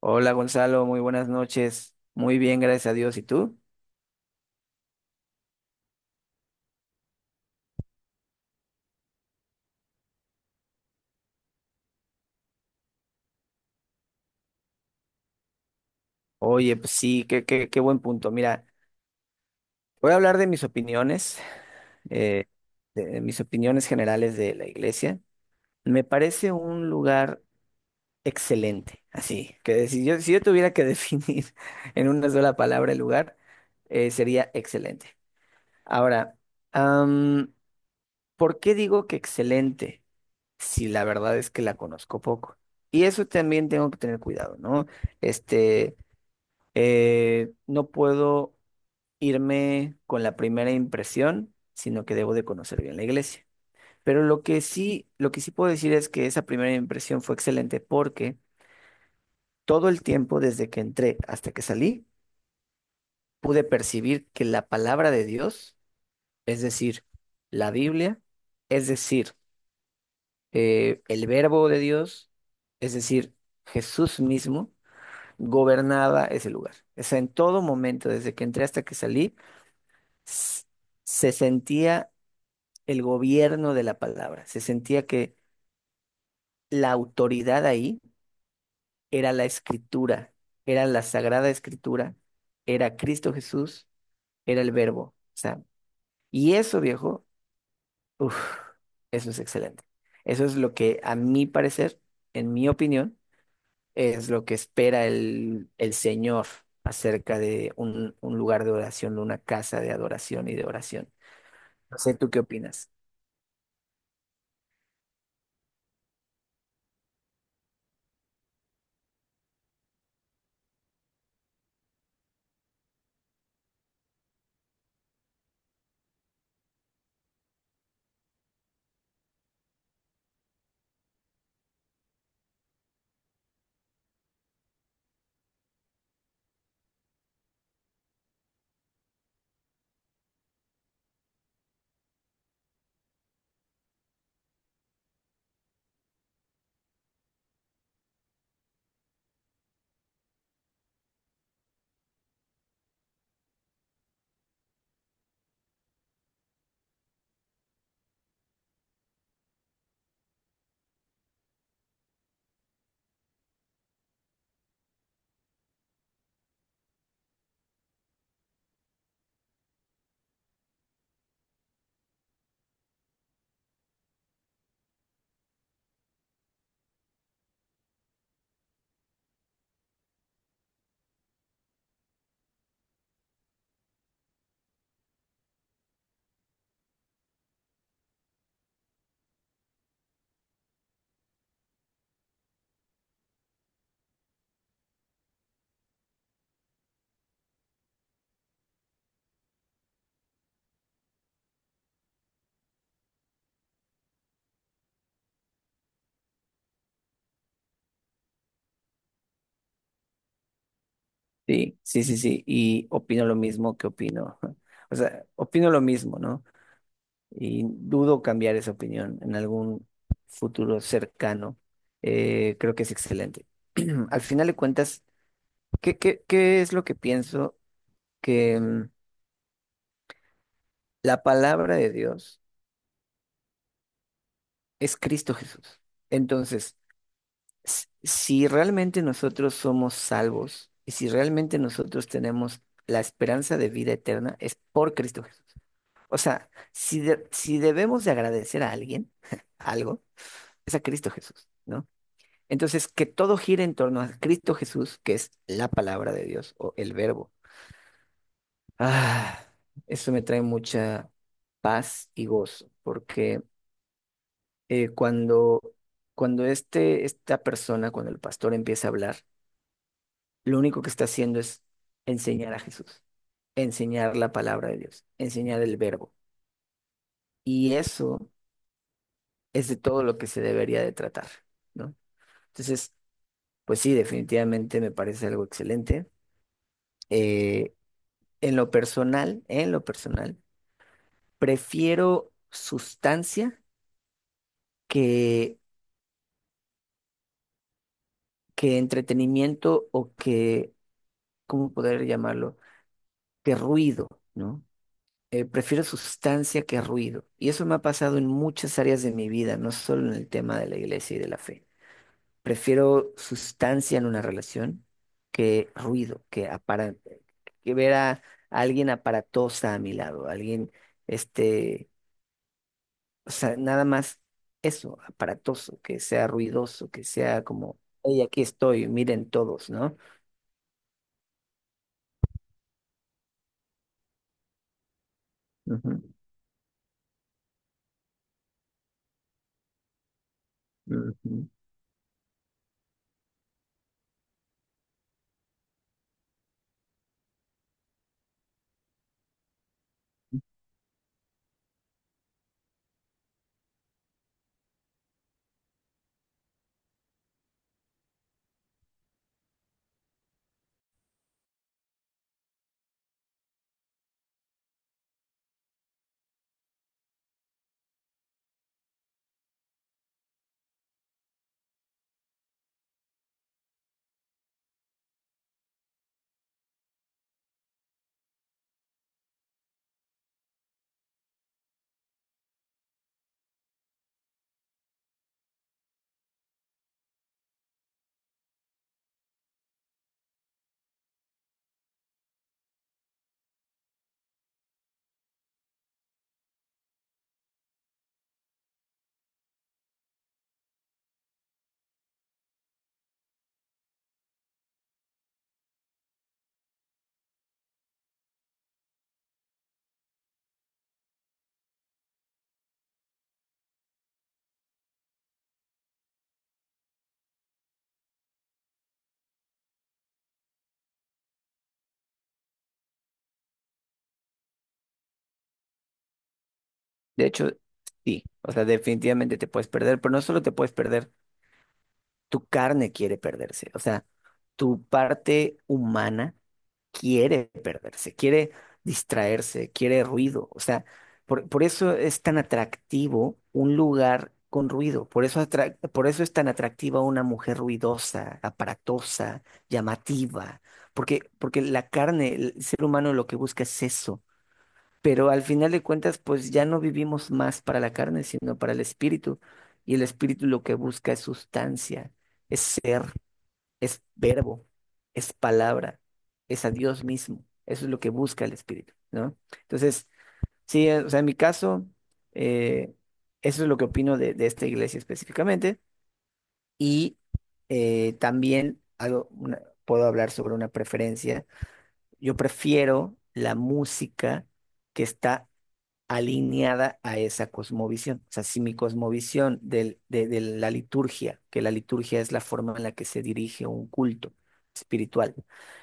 Hola Gonzalo, muy buenas noches. Muy bien, gracias a Dios. ¿Y tú? Oye, pues sí, qué buen punto. Mira, voy a hablar eh, de mis opiniones generales de la iglesia. Me parece un lugar excelente, así, que si yo tuviera que definir en una sola palabra el lugar, sería excelente. Ahora, am, ¿por qué digo que excelente? Si la verdad es que la conozco poco. Y eso también tengo que tener cuidado, ¿no? Este, no puedo irme con la primera impresión, sino que debo de conocer bien la iglesia. Pero lo que sí puedo decir es que esa primera impresión fue excelente porque todo el tiempo desde que entré hasta que salí, pude percibir que la palabra de Dios, es decir, la Biblia, es decir, el verbo de Dios, es decir, Jesús mismo, gobernaba ese lugar. O sea, en todo momento, desde que entré hasta que salí, s- se sentía el gobierno de la palabra, se sentía que la autoridad ahí era la escritura, era la sagrada escritura, era Cristo Jesús, era el verbo. O sea, y eso, viejo, uf, eso es excelente. Eso es lo que, a mi parecer, en mi opinión, es lo que espera el Señor acerca de un lugar de oración, de una casa de adoración y de oración. No sé, ¿tú qué opinas? Sí, sí, sí, sí, y opino lo mismo que opino. O sea, opino lo mismo, ¿no? Y dudo cambiar esa opinión en algún futuro cercano. Creo que es excelente. Al final de cuentas, ¿qué es lo que pienso? Que la palabra de Dios es Cristo Jesús. Entonces, si realmente nosotros somos salvos y si realmente nosotros tenemos la esperanza de vida eterna, es por Cristo Jesús. O sea, si debemos de agradecer a alguien algo, es a Cristo Jesús, ¿no? Entonces, que todo gire en torno a Cristo Jesús, que es la palabra de Dios o el verbo. Ah, eso me trae mucha paz y gozo, porque eh, cuando, cuando esta persona, cuando el pastor empieza a hablar, lo único que está haciendo es enseñar a Jesús, enseñar la palabra de Dios, enseñar el verbo. Y eso es de todo lo que se debería de tratar, ¿no? Entonces, pues sí, definitivamente me parece algo excelente. Eh, en lo personal, prefiero sustancia que, que entretenimiento o que, ¿cómo poder llamarlo? Que ruido, ¿no? Prefiero sustancia que ruido. Y eso me ha pasado en muchas áreas de mi vida, no solo en el tema de la iglesia y de la fe. Prefiero sustancia en una relación que ruido, que ver a alguien aparatosa a mi lado, este, o sea, nada más eso, aparatoso, que sea ruidoso, que sea como, hey, aquí estoy, miren todos, ¿no? Ujú, ujú. De hecho, sí, o sea, definitivamente te puedes perder, pero no solo te puedes perder. Tu carne quiere perderse, o sea, tu parte humana quiere perderse, quiere distraerse, quiere ruido, o sea, por eso es tan atractivo un lugar con ruido, por eso es tan atractiva una mujer ruidosa, aparatosa, llamativa, porque la carne, el ser humano lo que busca es eso, pero al final de cuentas, pues ya no vivimos más para la carne, sino para el espíritu. Y el espíritu lo que busca es sustancia, es ser, es verbo, es palabra, es a Dios mismo. Eso es lo que busca el espíritu, ¿no? Entonces, sí, o sea, en mi caso, eh, eso es lo que opino de esta iglesia específicamente. Y puedo hablar sobre una preferencia. Yo prefiero la música que está alineada a esa cosmovisión. O sea, si mi cosmovisión de la liturgia, que la liturgia es la forma en la que se dirige un culto espiritual,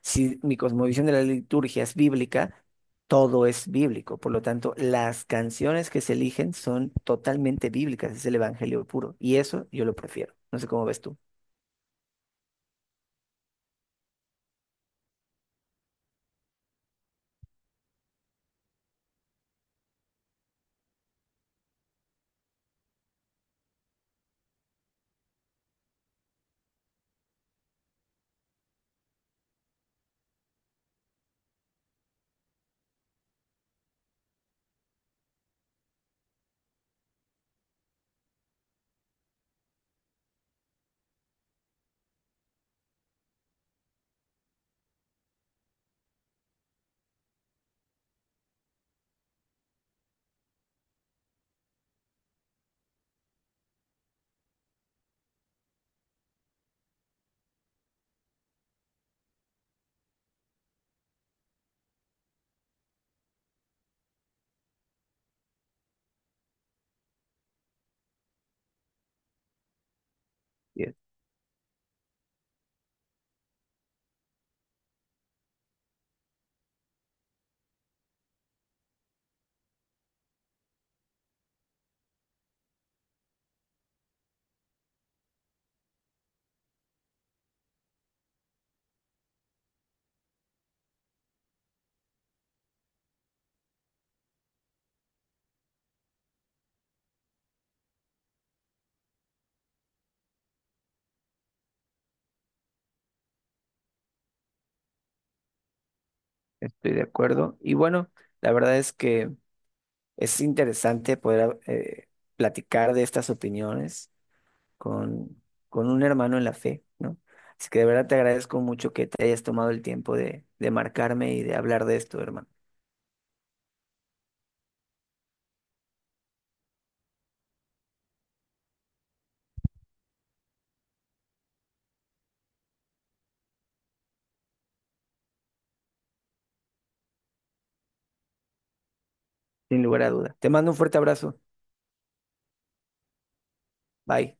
si mi cosmovisión de la liturgia es bíblica, todo es bíblico. Por lo tanto, las canciones que se eligen son totalmente bíblicas, es el evangelio puro. Y eso yo lo prefiero. No sé cómo ves tú. Bien, estoy de acuerdo. Y bueno, la verdad es que es interesante poder platicar de estas opiniones con, con un hermano en la fe, ¿no? Así que de verdad te agradezco mucho que te hayas tomado el tiempo de marcarme y de hablar de esto, hermano. Sin lugar a duda. Te mando un fuerte abrazo. Bye.